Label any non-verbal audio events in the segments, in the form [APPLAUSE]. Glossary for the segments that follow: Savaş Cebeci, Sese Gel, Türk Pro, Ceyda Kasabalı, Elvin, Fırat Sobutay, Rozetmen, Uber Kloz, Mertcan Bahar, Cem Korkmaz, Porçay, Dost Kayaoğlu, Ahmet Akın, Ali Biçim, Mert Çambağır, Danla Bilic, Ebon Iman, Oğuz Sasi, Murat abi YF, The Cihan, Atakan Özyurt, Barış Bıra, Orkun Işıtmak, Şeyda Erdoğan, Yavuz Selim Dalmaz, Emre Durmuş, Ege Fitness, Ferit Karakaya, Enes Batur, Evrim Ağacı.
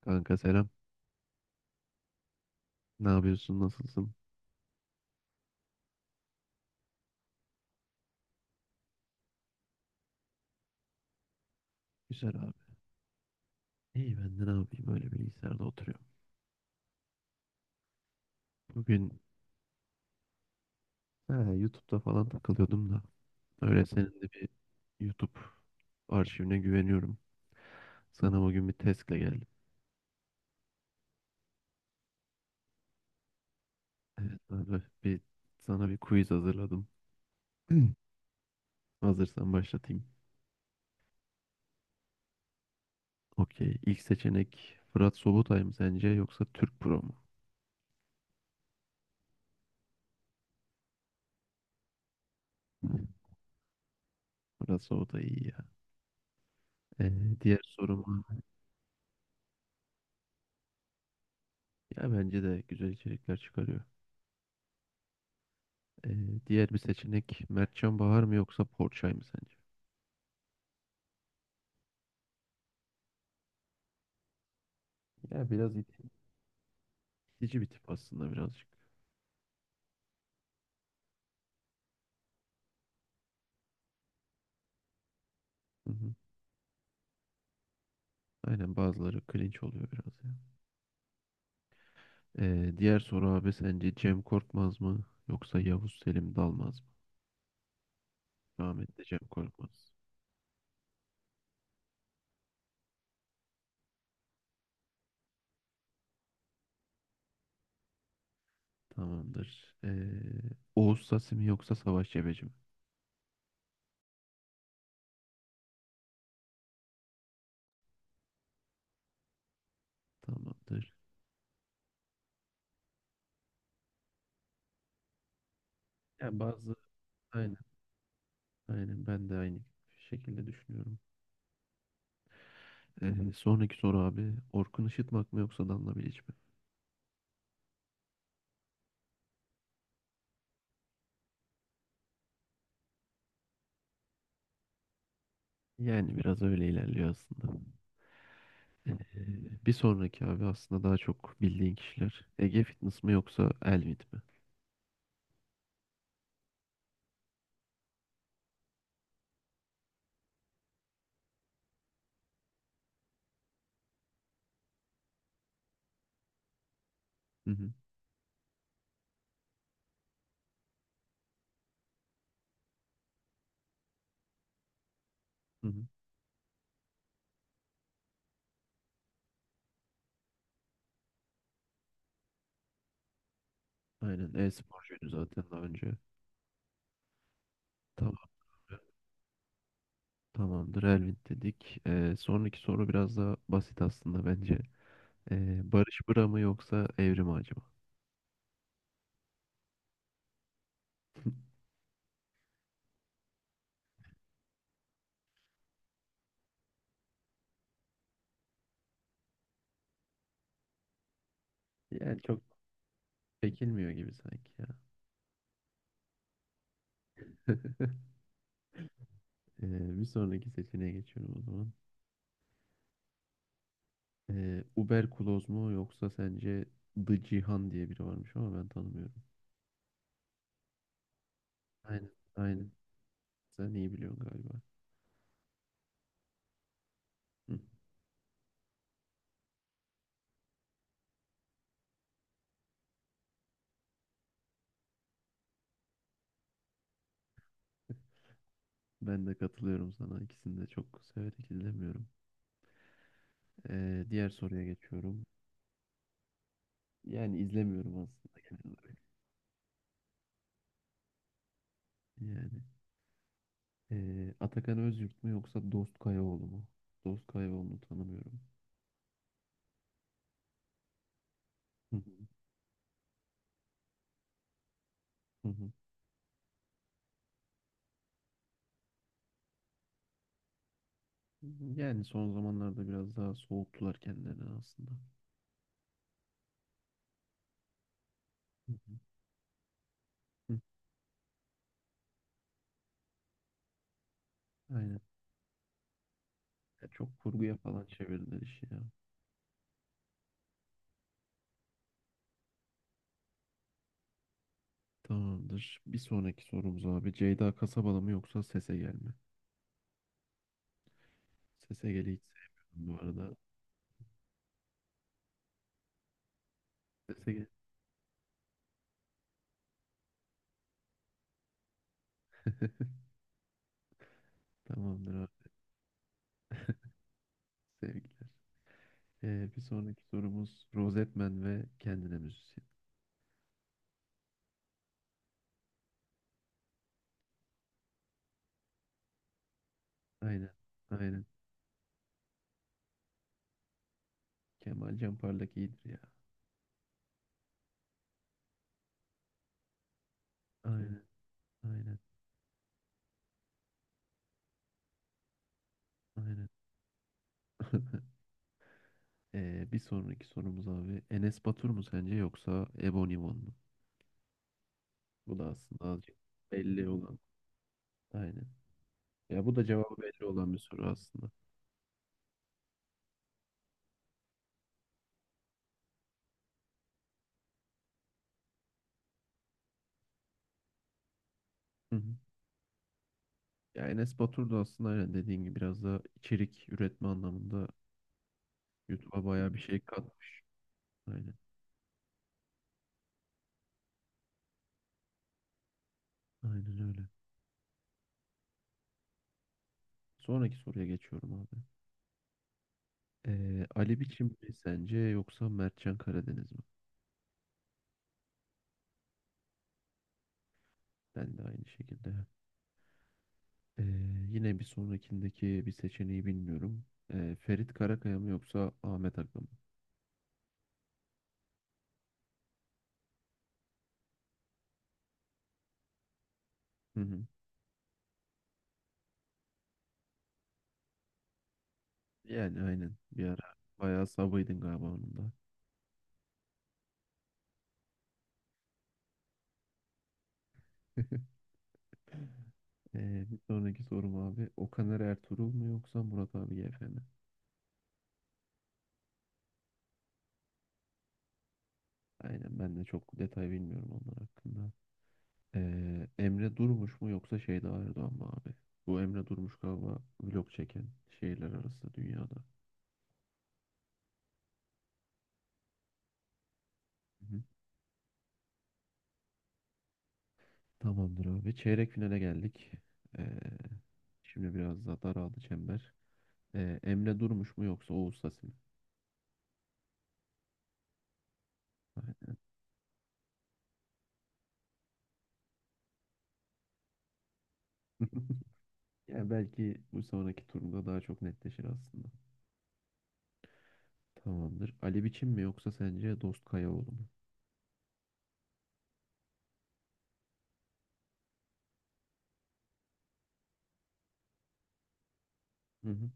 Kanka selam. Ne yapıyorsun? Nasılsın? Güzel abi. İyi ben de ne yapayım? Öyle bilgisayarda oturuyorum. Bugün ha, YouTube'da falan takılıyordum da. Öyle senin de bir YouTube arşivine güveniyorum. Sana bugün bir testle geldim. Sana bir, Sana bir quiz hazırladım. [CLEARS THROAT] Hazırsan başlatayım. Okey. İlk seçenek Fırat Sobutay mı sence yoksa Türk Pro mu? Fırat Sobutay iyi ya. Ee, Diğer sorum ya bence de güzel içerikler çıkarıyor. Ee, Diğer bir seçenek Mertcan Bahar mı yoksa Porçay mı sence? Ya biraz it- İtici bir tip aslında birazcık. Hı hı. Aynen bazıları cringe oluyor biraz ya. Diğer soru abi sence Cem Korkmaz mı yoksa Yavuz Selim Dalmaz mı? Rahmetli Cem Korkmaz. Tamamdır. Oğuz Sasi mi yoksa Savaş Cebeci mi? Tamamdır. Ya bazı aynen aynen ben de aynı şekilde düşünüyorum. Sonraki soru abi Orkun Işıtmak mı yoksa Danla Bilic mi? Yani biraz öyle ilerliyor aslında. Ee, Bir sonraki abi aslında daha çok bildiğin kişiler. Ege Fitness mi yoksa Elvin mi? Hı hı. Hı hı. Aynen e-sporcuydu zaten daha önce. Tamam, tamamdır Elvin dedik. Sonraki soru biraz daha basit aslında bence. Barış Bıra mı yoksa Evrim Ağacı mı? [LAUGHS] Yani çok çekilmiyor gibi sanki ya. [LAUGHS] Bir sonraki seçeneğe geçiyorum o zaman. Uber Kloz mu yoksa sence The Cihan diye biri varmış ama ben tanımıyorum. Aynen, aynen. Sen iyi biliyorsun galiba. Hı. Ben de katılıyorum sana. İkisini de çok severek izlemiyorum. Diğer soruya geçiyorum. Yani izlemiyorum aslında genel olarak. Yani Atakan Özyurt mu yoksa Dost Kayaoğlu mu? Dost Kayaoğlu'nu tanımıyorum. Hı hı, hı hı. Yani son zamanlarda biraz daha soğuttular kendilerini aslında. Hı hı, hı. Aynen. Ya çok kurguya falan çevirdiler işi ya. Tamamdır. Bir sonraki sorumuz abi. Ceyda Kasabalı mı yoksa Sese Gel mi? Sese Gel'i hiç sevmiyorum bu arada. Sese Gel. Tamamdır abi. Sevgiler. Bir sonraki sorumuz Rozetmen ve kendine müzisyen. Aynen. Aynen. Kemal Canpar'daki iyidir ya. Aynen. Aynen. Aynen. [LAUGHS] Bir sonraki sorumuz abi Enes Batur mu sence yoksa Ebon Iman mı? Bu da aslında azıcık belli olan. Aynen. Ya bu da cevabı belli olan bir soru aslında. Hı hı. Ya Enes Batur da aslında aynen dediğin gibi biraz da içerik üretme anlamında YouTube'a bayağı bir şey katmış. Aynen. Aynen öyle. Sonraki soruya geçiyorum abi. Ali Biçim mi sence yoksa Mertcan Karadeniz mi? Ben de aynı şekilde. Ee, Yine bir sonrakindeki bir seçeneği bilmiyorum. Ferit Karakaya mı yoksa Ahmet Akın mı? Hı hı. Yani aynen. Bir ara bayağı sabıydın galiba onun da. Bir sonraki sorum abi. Okaner Ertuğrul mu yoksa Murat abi YF mi? Aynen ben de çok detay bilmiyorum onlar hakkında. Emre Durmuş mu yoksa Şeyda Erdoğan mı abi? Bu Emre Durmuş galiba vlog çeken şehirler arası dünyada. Hı. Tamamdır abi. Çeyrek finale geldik. Ee, Şimdi biraz daha daraldı çember. Emre Durmuş mu yoksa Oğuz Sasi mi? [LAUGHS] Yani belki bu sonraki turda daha çok netleşir aslında. Tamamdır. Ali Biçim mi yoksa sence Dost Kayaoğlu mu? Hı hı.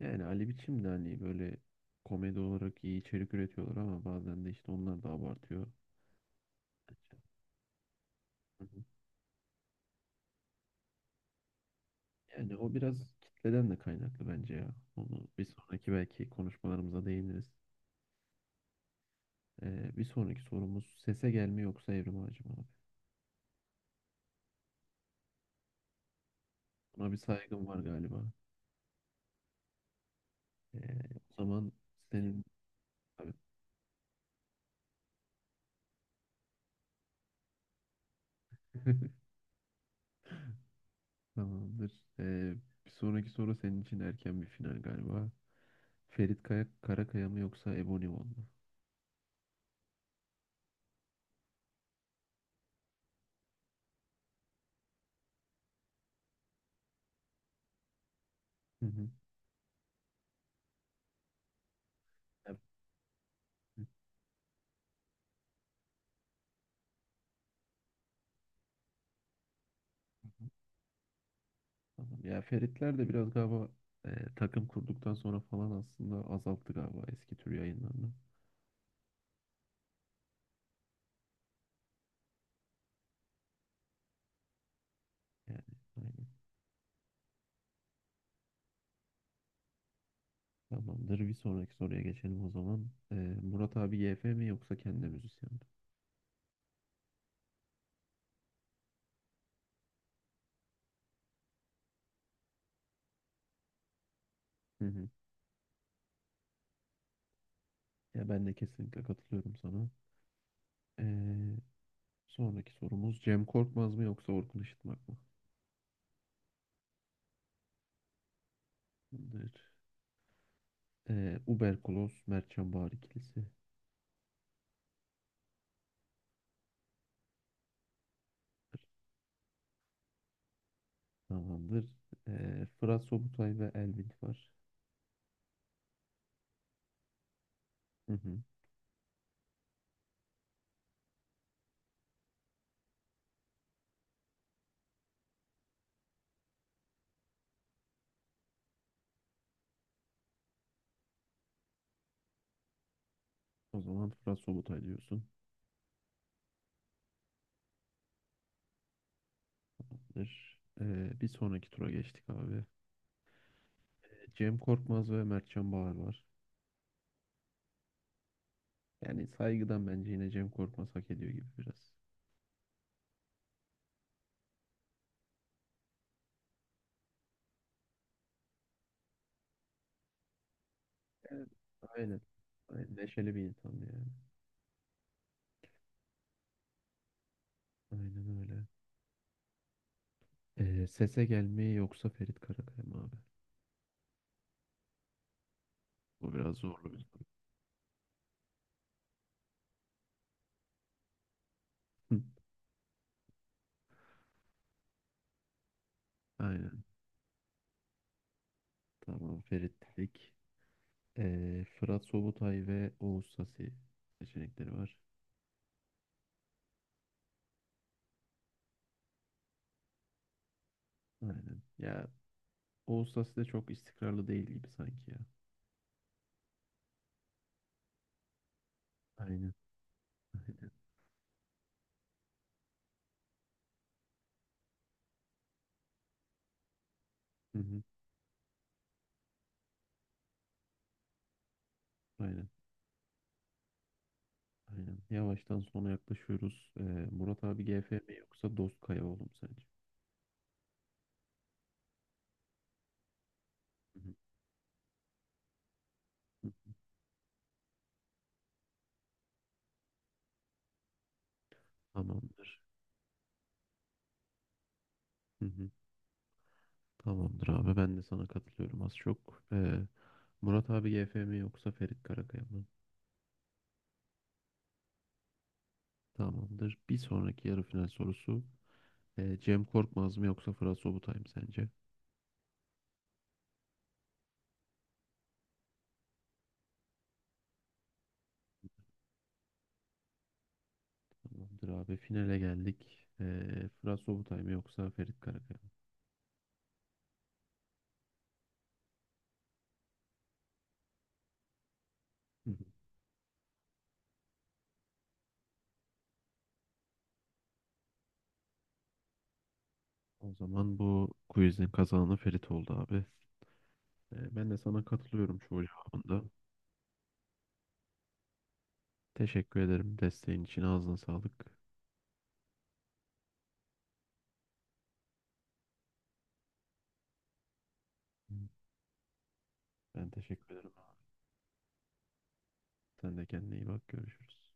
Yani Ali Biçim de hani böyle komedi olarak iyi içerik üretiyorlar ama bazen de işte onlar da abartıyor. Hı hı. Yani o biraz kitleden de kaynaklı bence ya. Onu bir sonraki belki konuşmalarımıza değiniriz. Bir sonraki sorumuz sese gelme yoksa evrim ağacı mı abi? Buna bir saygım var galiba. Ee, O zaman senin abi. [LAUGHS] Tamamdır. Ee, Bir sonraki soru senin için erken bir final galiba. Karakaya mı yoksa Ebony One mu? Hı hı. Evet. Tamam. Ya Feritler de biraz galiba e, takım kurduktan sonra falan aslında azalttı galiba eski tür yayınlarını. Yani aynen. Tamamdır. Bir sonraki soruya geçelim o zaman. Murat abi YF mi yoksa kendi müzisyen mi? Hı hı. Ya ben de kesinlikle katılıyorum sana. Ee, Sonraki sorumuz Cem Korkmaz mı yoksa Orkun Işıtmak mı? Tamamdır. Uber Kloss, Mert Çambağır Tamamdır. Fırat Sobutay ve Elvin var. Hı hı. O zaman Fırat Sobutay diyorsun. Tamamdır. Bir sonraki tura geçtik abi. Cem Korkmaz ve Mert Çambağır var. Yani saygıdan bence yine Cem Korkmaz hak ediyor gibi biraz. Evet. Aynen. Aynen. Neşeli bir insandı yani. Aynen öyle. Sese gelmeyi yoksa Ferit Karakaya mı abi? Bu biraz zorlu bir soru. Hı. Aynen. Tamam Ferit dedik. Fırat Sobutay ve Oğuz Sasi seçenekleri var. Aynen. Ya Oğuz Sasi de çok istikrarlı değil gibi sanki ya. Aynen. Aynen. Hı hı, aynen. Aynen. Yavaştan sona yaklaşıyoruz. Murat abi GF mi yoksa Dost Kayaoğlu mu sence? Hı hı, hı. Tamamdır. Hı hı. Tamamdır abi ben de sana katılıyorum az çok. Murat abi YF mi yoksa Ferit Karakaya mı? Tamamdır. Bir sonraki yarı final sorusu. Cem Korkmaz mı yoksa Fırat Sobutay mı sence? Tamamdır abi finale geldik. Fırat Sobutay mı yoksa Ferit Karakaya mı? Hı hı. O zaman bu quizin kazananı Ferit oldu abi. Ben de sana katılıyorum çoğu cevabında. Teşekkür ederim desteğin için ağzına sağlık. Hı. Ben teşekkür ederim abi. Sen de kendine iyi bak görüşürüz.